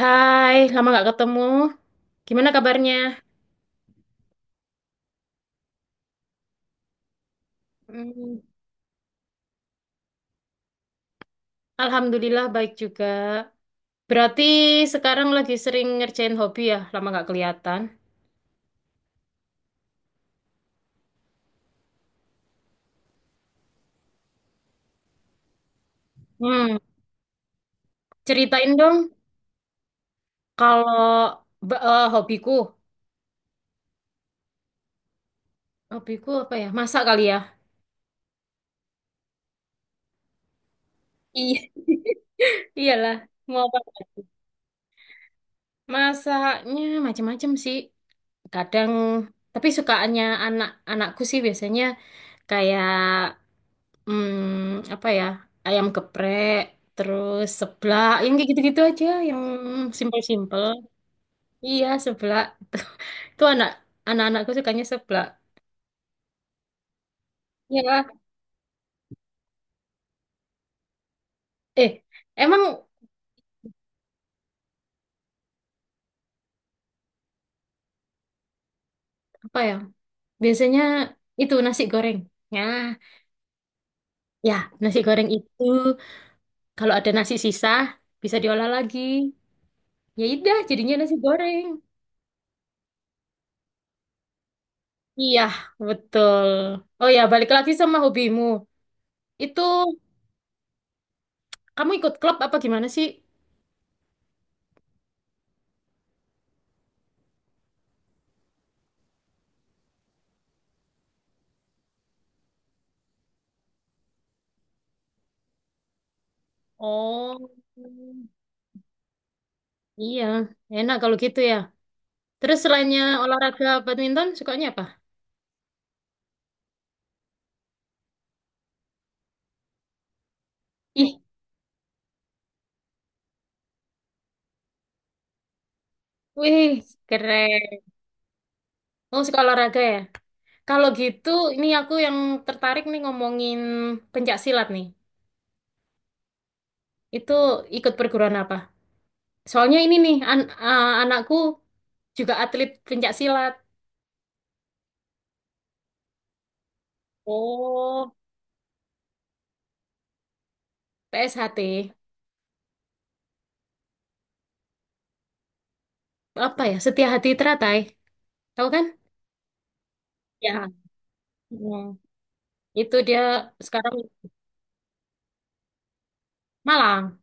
Hai, lama nggak ketemu. Gimana kabarnya? Mm, Alhamdulillah baik juga. Berarti sekarang lagi sering ngerjain hobi ya, lama nggak kelihatan. Hmm, ceritain dong kalau hobiku, hobiku apa ya? Masak kali ya. Iya. Iyalah, mau apa? Masaknya macam-macam sih. Kadang, tapi sukaannya anak-anakku sih biasanya kayak apa ya? Ayam geprek, terus seblak, yang kayak gitu-gitu aja, yang simpel-simpel. Iya, seblak. Itu anak-anakku sukanya seblak. Ya, eh, emang apa ya? Biasanya itu nasi goreng. Ya, ya, nasi goreng itu kalau ada nasi sisa bisa diolah lagi. Ya udah, jadinya nasi goreng. Iya, betul. Oh ya, balik lagi sama hobimu. Itu kamu ikut klub apa gimana sih? Oh, iya. Enak kalau gitu ya. Terus selainnya olahraga badminton, sukanya apa? Ih, wih, keren. Oh, suka olahraga ya? Kalau gitu, ini aku yang tertarik nih ngomongin pencak silat nih. Itu ikut perguruan apa? Soalnya ini nih, anakku juga atlet pencak silat. Oh, PSHT. Apa ya? Setia Hati Teratai. Tahu kan? Ya. Hmm. Itu dia sekarang Malang.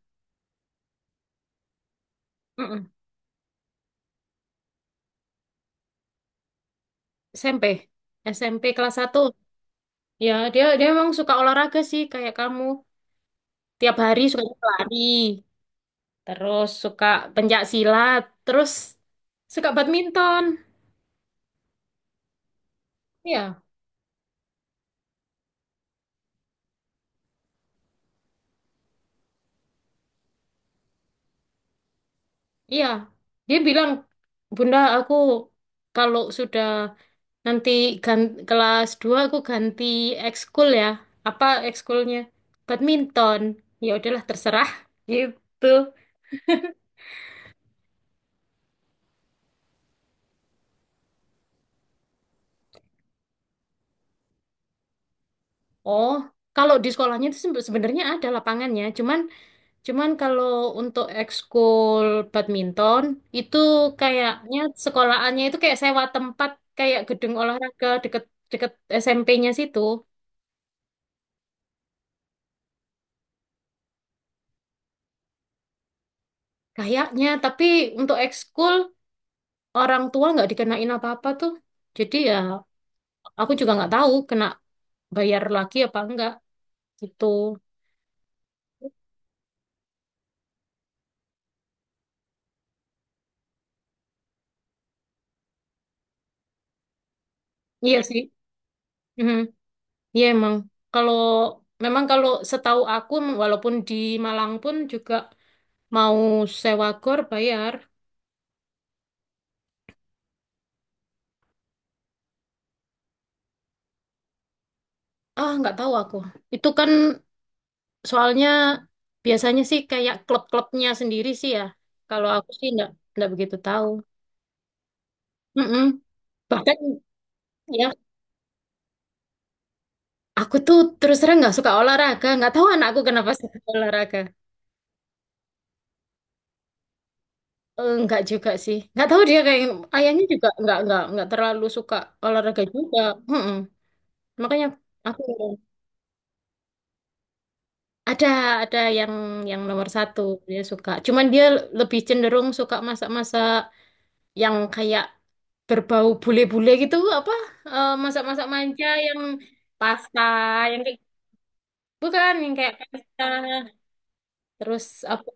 SMP, SMP kelas satu. Ya, dia dia memang suka olahraga sih kayak kamu. Tiap hari suka lari, terus suka pencak silat, terus suka badminton. Iya, iya. Dia bilang, "Bunda, aku kalau sudah nanti kelas 2 aku ganti ekskul ya." Apa ekskulnya? Badminton. Ya udahlah terserah gitu. Oh, kalau di sekolahnya itu sebenarnya ada lapangannya, cuman Cuman kalau untuk ekskul badminton itu kayaknya sekolahannya itu kayak sewa tempat kayak gedung olahraga deket deket SMP-nya situ kayaknya, tapi untuk ekskul orang tua nggak dikenain apa-apa tuh, jadi ya aku juga nggak tahu kena bayar lagi apa enggak gitu. Iya sih. Mhm. Iya emang kalau memang kalau setahu aku walaupun di Malang pun juga mau sewa gor bayar. Ah, nggak tahu aku. Itu kan soalnya biasanya sih kayak klub-klubnya sendiri sih ya. Kalau aku sih nggak begitu tahu. Mm-mm. Bahkan ya aku tuh terus terang nggak suka olahraga. Nggak tahu anakku kenapa suka olahraga. Nggak juga sih. Nggak tahu dia kayak ayahnya juga nggak nggak terlalu suka olahraga juga. Mm-mm. Makanya aku ada ada yang nomor satu dia suka. Cuman dia lebih cenderung suka masak-masak yang kayak berbau bule-bule gitu apa masak-masak manja yang pasta yang kayak bukan yang kayak pasta terus apa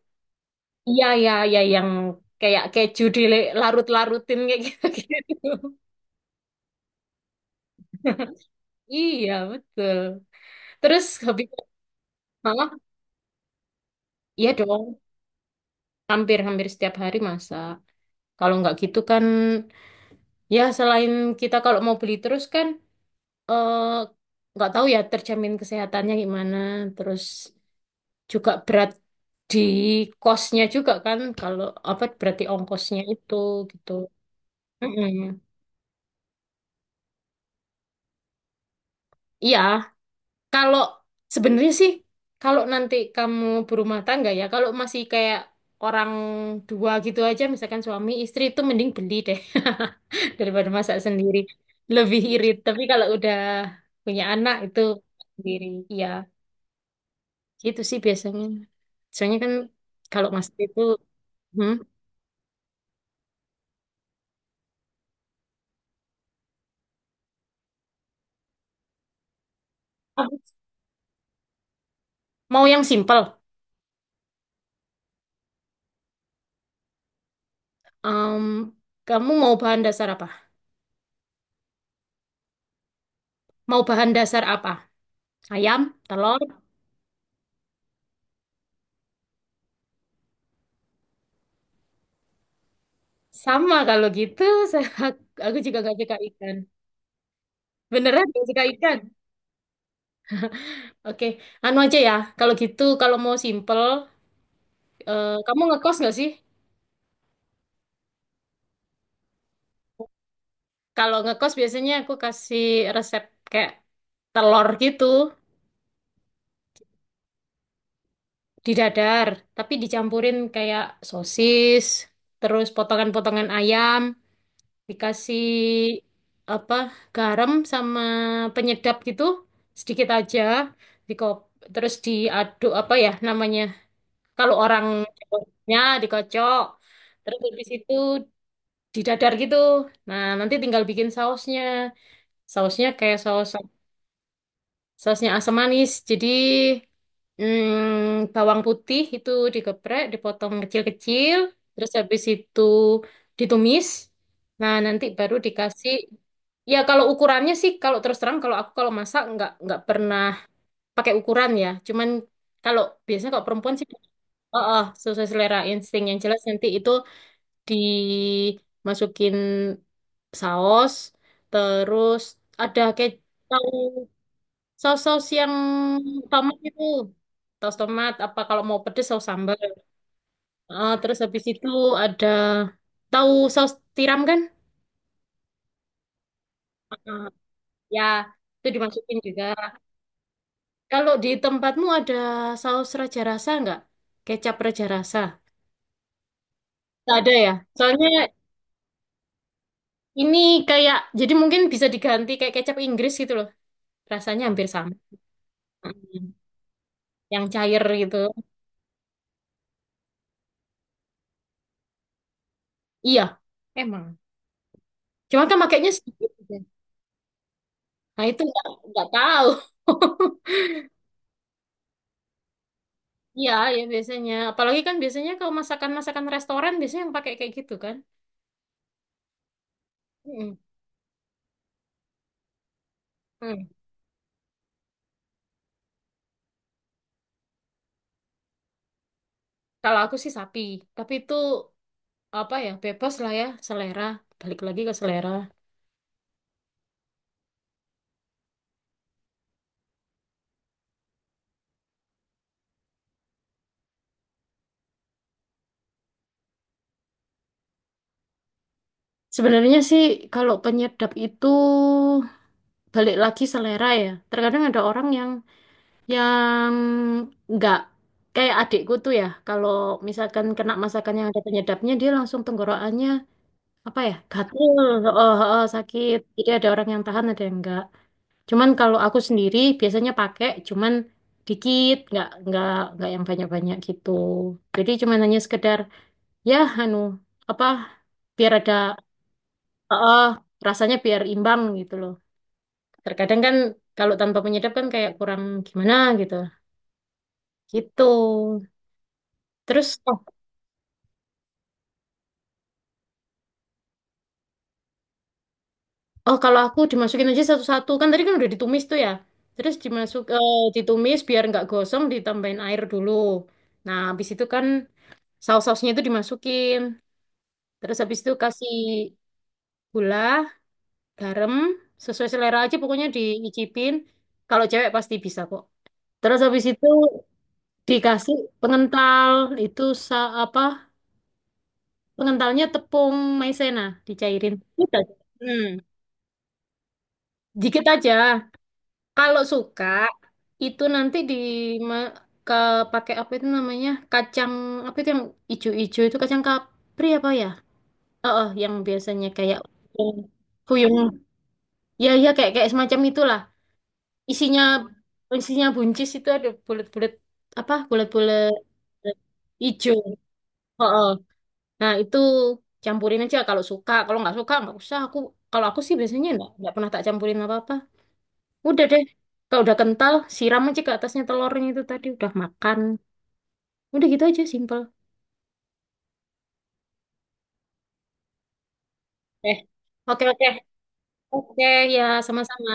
iya ya yang kayak keju dilarut-larutin kayak gitu-gitu. Iya betul, terus hobi mama iya dong hampir-hampir setiap hari masak kalau nggak gitu kan ya selain kita kalau mau beli terus kan eh, nggak tahu ya terjamin kesehatannya gimana terus juga berat di kosnya juga kan kalau apa berarti ongkosnya itu gitu. Mm-mm. Iya, kalau sebenarnya sih kalau nanti kamu berumah tangga ya, kalau masih kayak orang dua gitu aja misalkan suami istri itu mending beli deh daripada masak sendiri. Lebih irit, tapi kalau udah punya anak itu sendiri. Iya, gitu sih biasanya. Soalnya kan kalau masak itu hmm, mau yang simpel. Em, kamu mau bahan dasar apa? Mau bahan dasar apa? Ayam, telur, sama kalau gitu. Saya, aku juga nggak suka ikan. Beneran nggak suka ikan? Oke, anu aja ya. Kalau gitu, kalau mau simple, kamu ngekos nggak sih? Kalau ngekos biasanya aku kasih resep kayak telur gitu di dadar, tapi dicampurin kayak sosis, terus potongan-potongan ayam, dikasih apa garam sama penyedap gitu sedikit aja, dikop terus diaduk apa ya namanya kalau orang Jawanya dikocok, terus habis itu didadar gitu. Nah nanti tinggal bikin sausnya, sausnya kayak saus. Sausnya asam manis. Jadi bawang putih itu digeprek, dipotong kecil-kecil, terus habis itu ditumis. Nah, nanti baru dikasih. Ya kalau ukurannya sih kalau terus terang kalau aku kalau masak nggak pernah pakai ukuran ya. Cuman kalau biasanya kalau perempuan sih oh, oh sesuai selera insting yang jelas nanti itu dimasukin saus terus ada kecap. Saus-saus yang tomat itu, saus tomat. Apa kalau mau pedes saus sambal. Terus habis itu ada tahu saus tiram kan? Eh, ya, itu dimasukin juga. Kalau di tempatmu ada saus raja rasa nggak? Kecap raja rasa? Nggak ada ya? Soalnya ini kayak, jadi mungkin bisa diganti kayak kecap Inggris gitu loh. Rasanya hampir sama. Mm. Yang cair gitu. Iya, emang. Cuma kan makainya sedikit. Aja. Nah itu nggak tahu. Iya, ya biasanya. Apalagi kan biasanya kalau masakan-masakan restoran biasanya yang pakai kayak gitu kan. Mm-mm. Mm. Kalau aku sih sapi, tapi itu apa ya, bebas lah ya, selera. Balik lagi ke selera. Sebenarnya sih kalau penyedap itu balik lagi selera ya. Terkadang ada orang yang nggak kayak adikku tuh ya. Kalau misalkan kena masakan yang ada penyedapnya, dia langsung tenggorokannya apa ya, gatel, oh, oh, sakit. Jadi ada orang yang tahan, ada yang enggak. Cuman kalau aku sendiri biasanya pakai cuman dikit, nggak nggak yang banyak-banyak gitu. Jadi cuman hanya sekedar ya anu apa biar ada eh eh, rasanya biar imbang gitu loh. Terkadang kan kalau tanpa penyedap kan kayak kurang gimana gitu. Gitu. Terus oh, oh kalau aku dimasukin aja satu-satu kan tadi kan udah ditumis tuh ya. Terus ditumis biar nggak gosong ditambahin air dulu. Nah, habis itu kan saus-sausnya itu dimasukin. Terus habis itu kasih gula, garam, sesuai selera aja pokoknya diicipin. Kalau cewek pasti bisa kok. Terus habis itu dikasih pengental itu apa? Pengentalnya tepung maizena dicairin. Udah. Hmm, dikit aja. Kalau suka itu nanti di ma- ke pakai apa itu namanya? Kacang apa itu yang ijo-ijo itu kacang kapri apa ya? Oh, yang biasanya kayak kuyung. Ya, ya kayak kayak semacam itulah. Isinya isinya buncis itu ada bulat-bulat apa bulat-bulat hijau oh, nah itu campurin aja kalau suka kalau nggak suka nggak usah aku kalau aku sih biasanya nggak pernah tak campurin apa-apa udah deh kalau udah kental siram aja ke atasnya telurnya itu tadi udah makan udah gitu aja simple. Eh oke oke oke ya sama-sama.